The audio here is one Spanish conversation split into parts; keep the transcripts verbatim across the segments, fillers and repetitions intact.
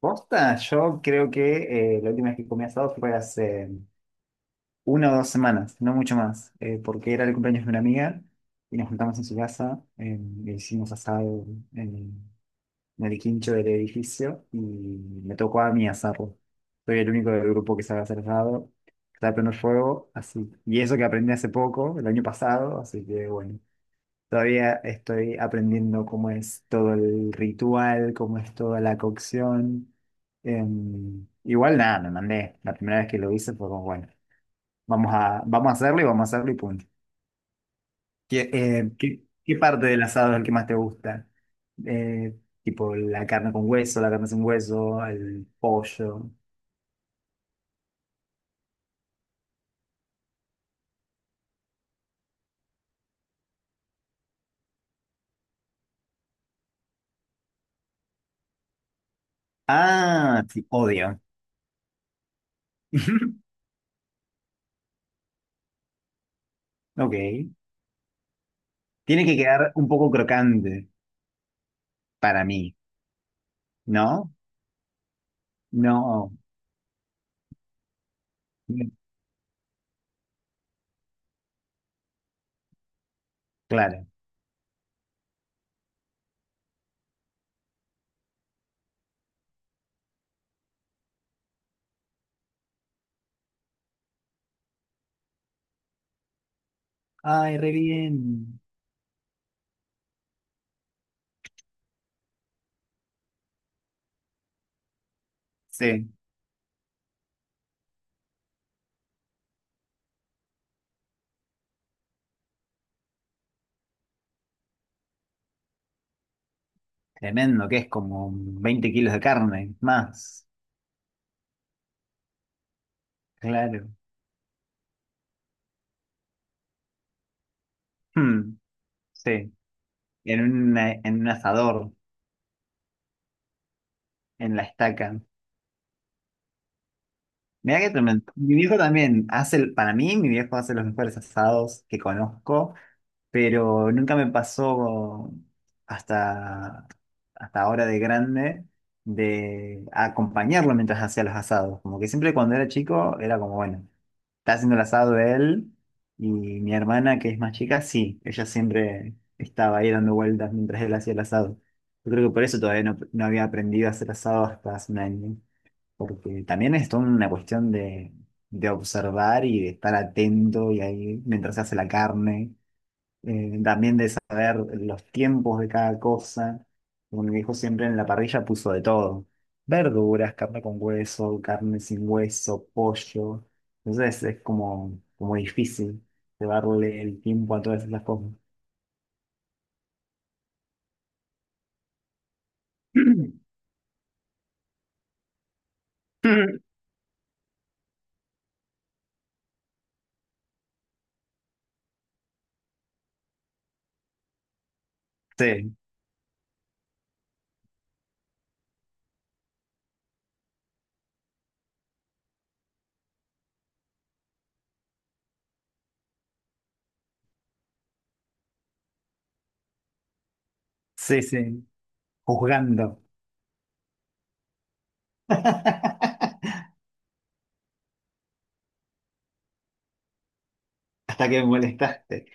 Posta, yo creo que eh, la última vez que comí asado fue hace mm, una o dos semanas, no mucho más, eh, porque era el cumpleaños de una amiga y nos juntamos en su casa, eh, e hicimos asado en, en el quincho del edificio y me tocó a mí asarlo. Soy el único del grupo que sabe hacer asado, que sabe prender fuego, así. Y eso que aprendí hace poco, el año pasado, así que bueno. Todavía estoy aprendiendo cómo es todo el ritual, cómo es toda la cocción. Em, igual nada, me mandé. La primera vez que lo hice fue como, bueno, vamos a, vamos a hacerlo y vamos a hacerlo y punto. ¿Qué, eh, qué, qué parte del asado es el que más te gusta? Eh, Tipo la carne con hueso, la carne sin hueso, el pollo. Ah, sí, odio. Ok. Tiene que quedar un poco crocante para mí, ¿no? No, claro. Ay, re bien. Sí, tremendo, que es como veinte kilos de carne, más. Claro. Hmm, sí, en, un, eh, en un asador, en la estaca. Mirá que tremendo. Mi viejo también hace, el- para mí, mi viejo hace los mejores asados que conozco. Pero nunca me pasó hasta, hasta ahora de grande de acompañarlo mientras hacía los asados. Como que siempre cuando era chico era como, bueno, está haciendo el asado él y mi hermana que es más chica, sí, ella siempre estaba ahí dando vueltas mientras él hacía el asado. Yo creo que por eso todavía no, no había aprendido a hacer asado hasta hace un año, porque también es toda una cuestión de, de observar y de estar atento y ahí mientras se hace la carne eh, también de saber los tiempos de cada cosa. Como mi viejo siempre en la parrilla puso de todo. Verduras, carne con hueso, carne sin hueso, pollo. Entonces es como, como difícil llevarle el tiempo a todas esas cosas. Sí, sí, sí, juzgando. Hasta que me molestaste.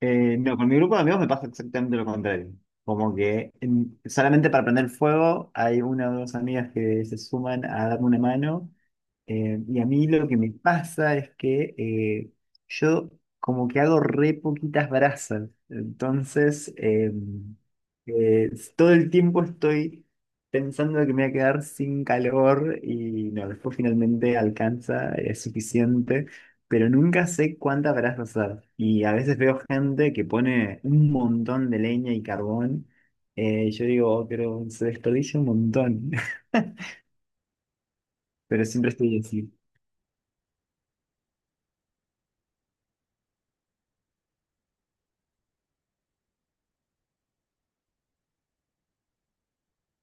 Eh, no, con mi grupo de amigos me pasa exactamente lo contrario. Como que en- solamente para prender fuego hay una o dos amigas que se suman a darme una mano. Eh, y a mí lo que me pasa es que eh, yo como que hago re poquitas brasas, entonces eh, eh, todo el tiempo estoy pensando que me voy a quedar sin calor y no, después finalmente alcanza, es suficiente, pero nunca sé cuántas brasas usar. Y a veces veo gente que pone un montón de leña y carbón, eh, y yo digo, "Oh, pero se desperdicia un montón". Pero siempre estoy así.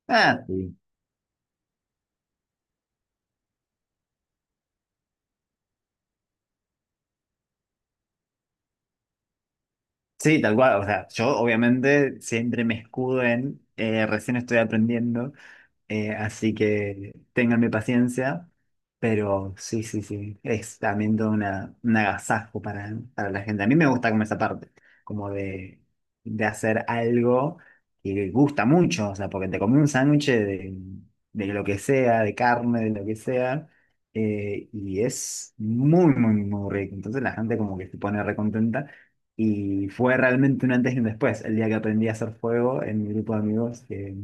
Ah, sí. Sí, tal cual. O sea, yo obviamente siempre me escudo en eh, recién estoy aprendiendo. Eh, así que ténganme paciencia, pero sí, sí, sí, es también todo una, un agasajo para, para la gente. A mí me gusta como esa parte, como de, de hacer algo que gusta mucho, o sea, porque te comí un sándwich de, de lo que sea, de carne, de lo que sea, eh, y es muy, muy, muy rico. Entonces la gente como que se pone recontenta. Y fue realmente un antes y un después, el día que aprendí a hacer fuego en mi grupo de amigos, que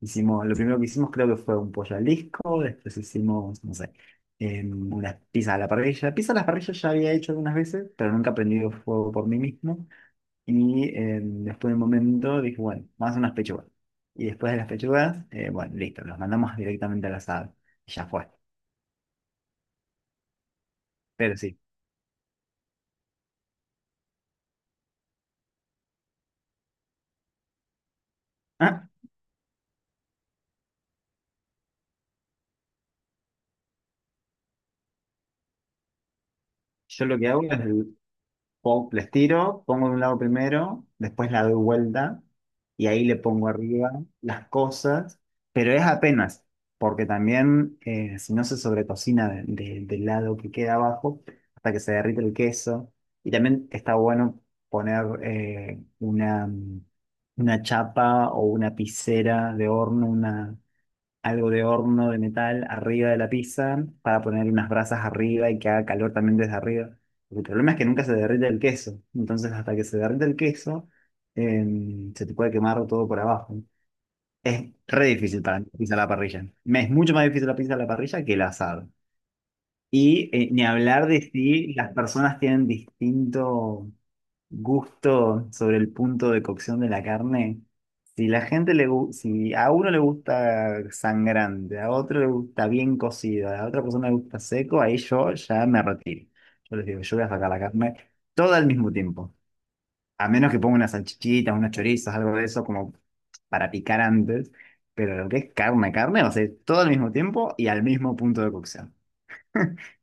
hicimos, lo primero que hicimos creo que fue un pollo al disco, después hicimos, no sé, em, unas pizzas a la parrilla. Pizza a la parrilla ya había hecho algunas veces, pero nunca prendido fuego por mí mismo. Y em, después de un momento dije, bueno, vamos a hacer unas pechugas. Y después de las pechugas, eh, bueno, listo, los mandamos directamente al asado. Y ya fue. Pero sí. Ah, yo lo que hago es Pon- les tiro, pongo de un lado primero, después la doy vuelta y ahí le pongo arriba las cosas, pero es apenas, porque también eh, si no se sobrecocina de- de- del lado que queda abajo hasta que se derrite el queso. Y también está bueno poner eh, una, una chapa o una picera de horno, una algo de horno de metal arriba de la pizza para poner unas brasas arriba y que haga calor también desde arriba. Porque el problema es que nunca se derrite el queso. Entonces, hasta que se derrite el queso, em, se te puede quemar todo por abajo. Es re difícil para mí la pizza a la parrilla. Me es mucho más difícil la pizza a la parrilla que el asado. Y eh, ni hablar de si las personas tienen distinto gusto sobre el punto de cocción de la carne. Si la gente le gu- si a uno le gusta sangrante, a otro le gusta bien cocido, a otra persona le gusta seco, ahí yo ya me retiro. Yo les digo, yo voy a sacar la carne toda al mismo tiempo. A menos que ponga unas salchichitas, unos chorizos, algo de eso como para picar antes. Pero lo que es carne, carne, va a ser todo al mismo tiempo y al mismo punto de cocción.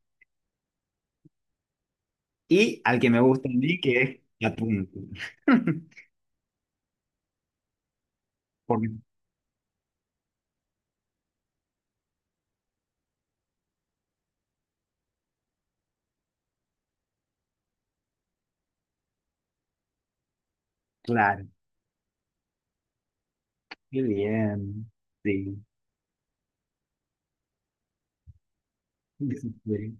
Y al que me gusta a mí, que es la punta. Porque, claro. Muy bien. Sí. Sí.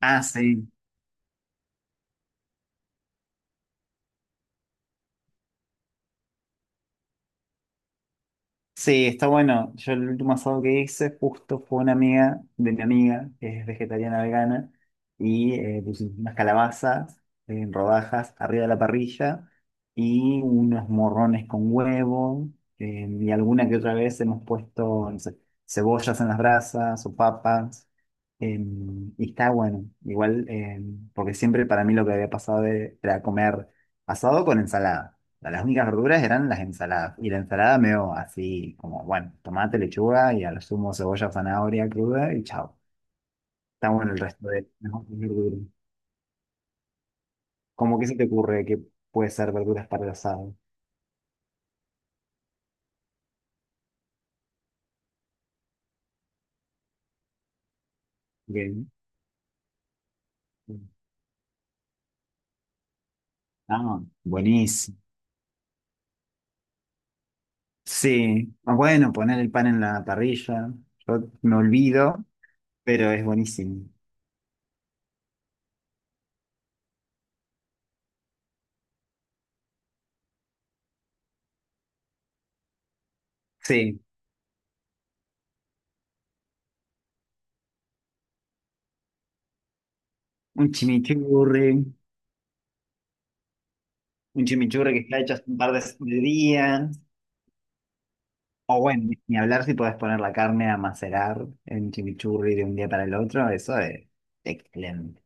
Ah, sí. Sí, está bueno. Yo el último asado que hice justo fue una amiga de mi amiga, que es vegetariana vegana, y eh, pusimos unas calabazas en rodajas arriba de la parrilla y unos morrones con huevo, eh, y alguna que otra vez hemos puesto, no sé, cebollas en las brasas o papas, eh, y está bueno. Igual, eh, porque siempre para mí lo que había pasado de- era comer asado con ensalada sea, las únicas verduras eran las ensaladas. Y la ensalada medio así, como, bueno, tomate, lechuga y a lo sumo cebolla, zanahoria cruda y chao. Está bueno el resto de las otras verduras. ¿Cómo que se te ocurre que puede ser verduras para el asado? Bien. Ah, buenísimo. Sí. Ah, bueno, poner el pan en la parrilla. Yo me olvido, pero es buenísimo. Sí. Un chimichurri. Un chimichurri que está hecho hace un par de de días. O bueno, ni ni hablar si podés poner la carne a macerar en chimichurri de un día para el otro, eso es excelente.